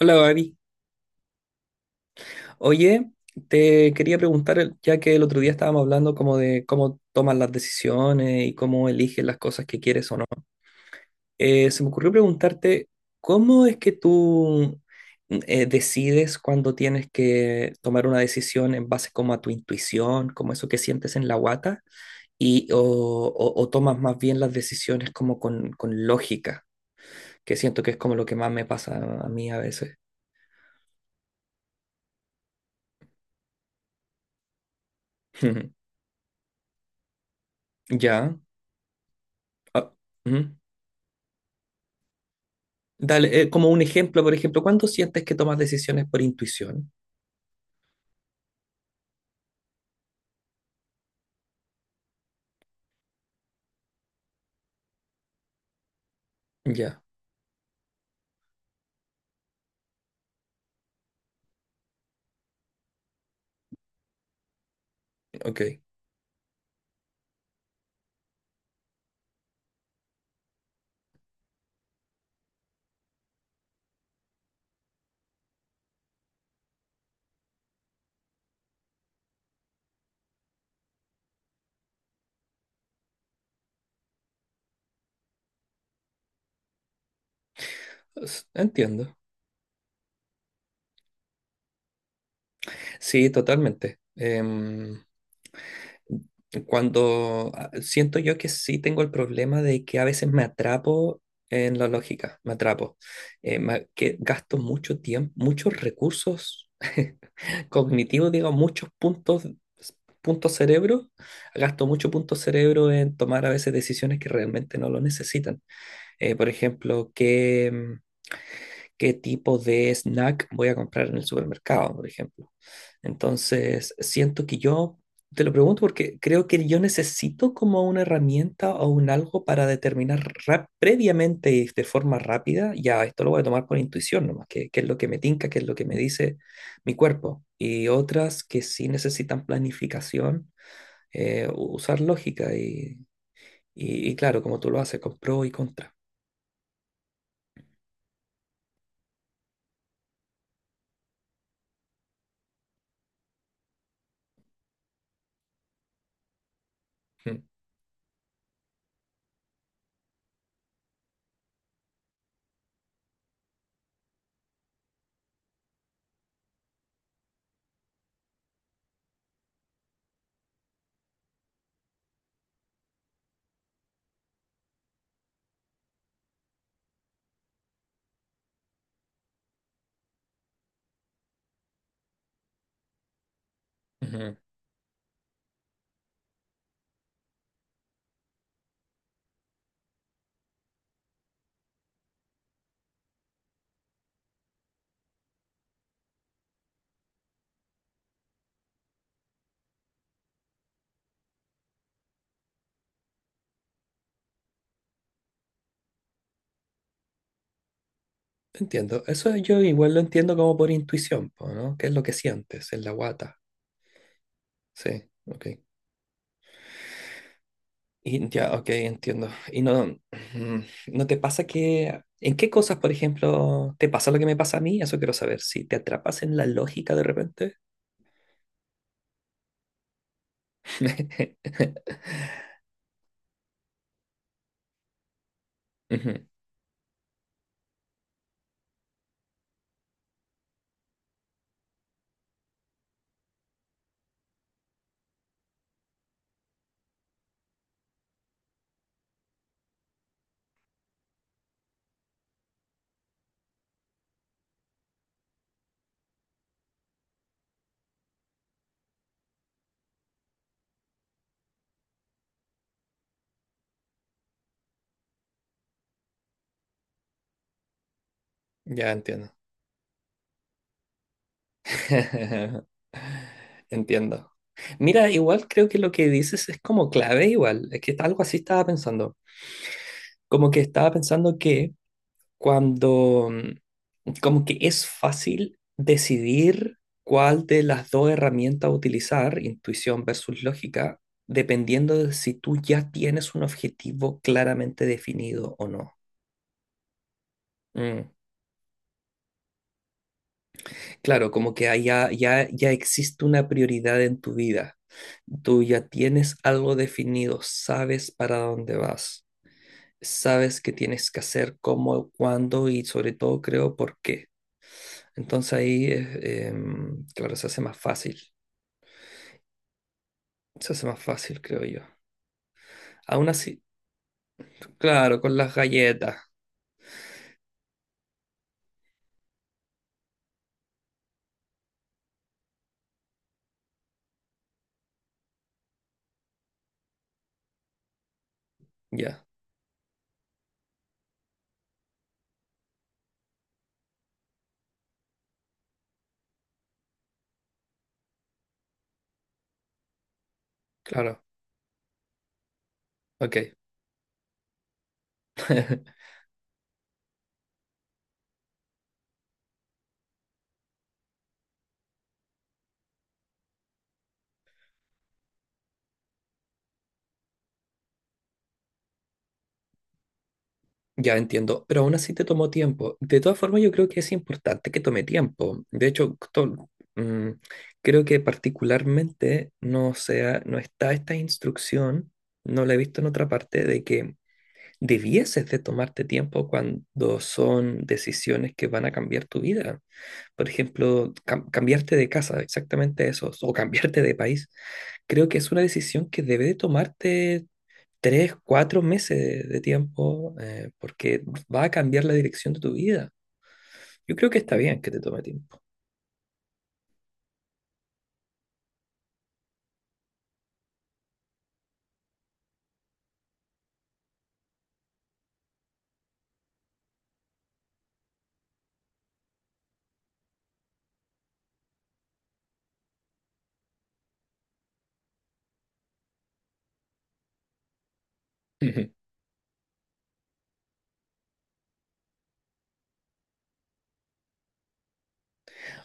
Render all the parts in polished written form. Hola, Gaby. Oye, te quería preguntar, ya que el otro día estábamos hablando como de cómo tomas las decisiones y cómo eliges las cosas que quieres o no, se me ocurrió preguntarte, ¿cómo es que tú decides cuando tienes que tomar una decisión en base como a tu intuición, como eso que sientes en la guata, y, o tomas más bien las decisiones como con lógica, que siento que es como lo que más me pasa a mí a veces? Ya. Ah, ujú. Dale, como un ejemplo, por ejemplo, ¿cuándo sientes que tomas decisiones por intuición? Ya, ok. Entiendo. Sí, totalmente. Cuando siento yo que sí tengo el problema de que a veces me atrapo en la lógica, me atrapo. Que gasto mucho tiempo, muchos recursos cognitivos, digo, muchos puntos, puntos cerebro. Gasto mucho punto cerebro en tomar a veces decisiones que realmente no lo necesitan. Por ejemplo, qué tipo de snack voy a comprar en el supermercado, por ejemplo. Entonces, siento que yo, te lo pregunto porque creo que yo necesito como una herramienta o un algo para determinar previamente y de forma rápida, ya esto lo voy a tomar por intuición nomás. Que qué es lo que me tinca, qué es lo que me dice mi cuerpo. Y otras que sí necesitan planificación, usar lógica y, y claro, como tú lo haces, con pro y contra. Mm. Ujú. Entiendo. Eso yo igual lo entiendo como por intuición, po, ¿no? ¿Qué es lo que sientes en la guata? Sí, ok. Y ya, ok, entiendo. Y no, ¿no te pasa que... ¿En qué cosas, por ejemplo, te pasa lo que me pasa a mí? Eso quiero saber. Si te atrapas en la lógica de repente. Ujú. Ya entiendo. Entiendo. Mira, igual creo que lo que dices es como clave, igual. Es que algo así estaba pensando. Como que estaba pensando que cuando como que es fácil decidir cuál de las dos herramientas utilizar, intuición versus lógica, dependiendo de si tú ya tienes un objetivo claramente definido o no. Mm. Claro, como que ahí ya existe una prioridad en tu vida. Tú ya tienes algo definido, sabes para dónde vas, sabes qué tienes que hacer, cómo, cuándo y sobre todo creo por qué. Entonces ahí, claro, se hace más fácil. Se hace más fácil, creo yo. Aún así, claro, con las galletas. Ya, claro. Ok. Ya entiendo. Pero aún así te tomó tiempo. De todas formas, yo creo que es importante que tome tiempo. De hecho, to- mm, creo que particularmente no sea, no está esta instrucción, no la he visto en otra parte, de que debieses de tomarte tiempo cuando son decisiones que van a cambiar tu vida. Por ejemplo, cambiarte de casa, exactamente eso, o cambiarte de país, creo que es una decisión que debe de tomarte tres, cuatro meses de tiempo, porque va a cambiar la dirección de tu vida. Yo creo que está bien que te tome tiempo. Ujú.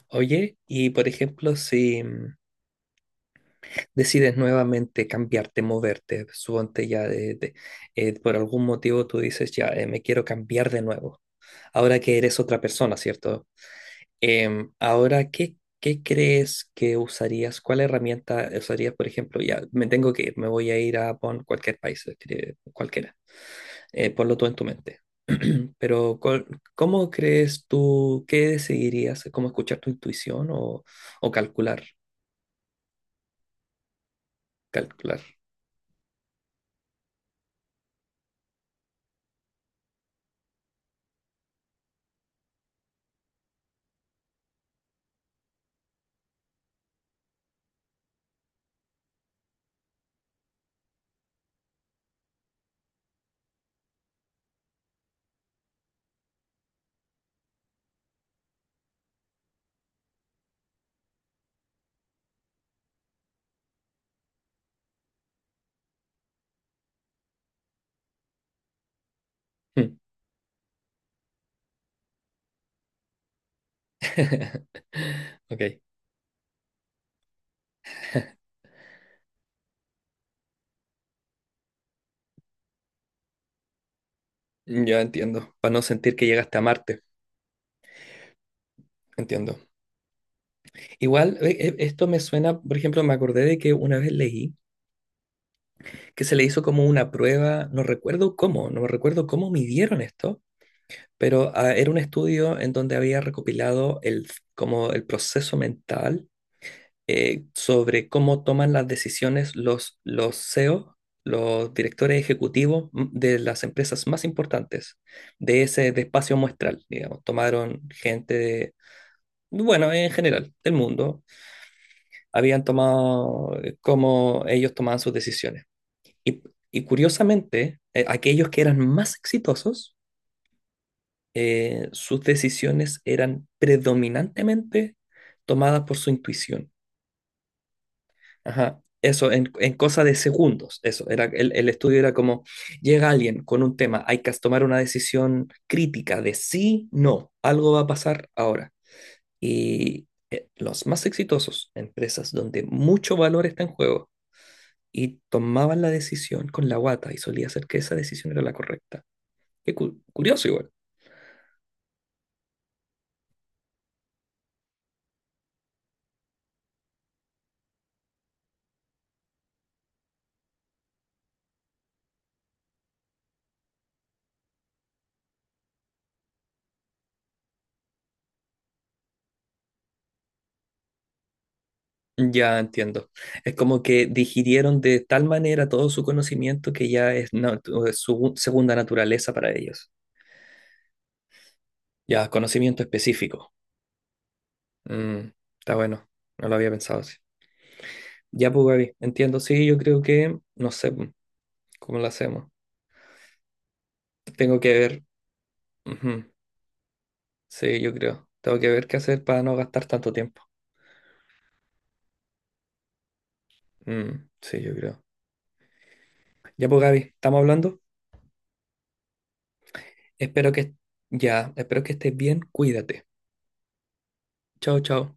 Oye, y por ejemplo, si decides nuevamente cambiarte, moverte, suponte ya por algún motivo tú dices, ya me quiero cambiar de nuevo, ahora que eres otra persona, ¿cierto? Ahora, ¿qué, qué crees que usarías? ¿Cuál herramienta usarías, por ejemplo? Ya, me tengo que ir, me voy a ir a pon cualquier país, escribe, cualquiera. Ponlo tú en tu mente. Pero, ¿cómo crees tú, qué decidirías? ¿Cómo escuchar tu intuición o calcular? Calcular. Mm. Ok, yo entiendo, para no sentir que llegaste a Marte, entiendo. Igual, esto me suena, por ejemplo, me acordé de que una vez leí que se le hizo como una prueba, no recuerdo cómo, no recuerdo cómo midieron esto, pero era un estudio en donde había recopilado el, como el proceso mental sobre cómo toman las decisiones los CEO, los directores ejecutivos de las empresas más importantes de ese de espacio muestral, digamos. Bueno, en general, del mundo, habían tomado cómo ellos tomaban sus decisiones. Y, y curiosamente, aquellos que eran más exitosos, sus decisiones eran predominantemente tomadas por su intuición. Ajá. Eso, en cosa de segundos, eso, era, el estudio era como, llega alguien con un tema, hay que tomar una decisión crítica de sí, no, algo va a pasar ahora. Y los más exitosos, empresas donde mucho valor está en juego, y tomaban la decisión con la guata y solía ser que esa decisión era la correcta. Curioso igual. Ya entiendo. Es como que digirieron de tal manera todo su conocimiento que ya es, es su segunda naturaleza para ellos. Ya, conocimiento específico. Mm, está bueno. No lo había pensado así. Ya, pues, Gaby, entiendo. Sí, yo creo que, no sé cómo lo hacemos. Tengo que ver. Ujú. Sí, yo creo. Tengo que ver qué hacer para no gastar tanto tiempo. Mm, sí, yo creo. Ya, pues, Gaby, ¿estamos hablando? Espero que, ya, espero que estés bien. Cuídate. Chao, chao.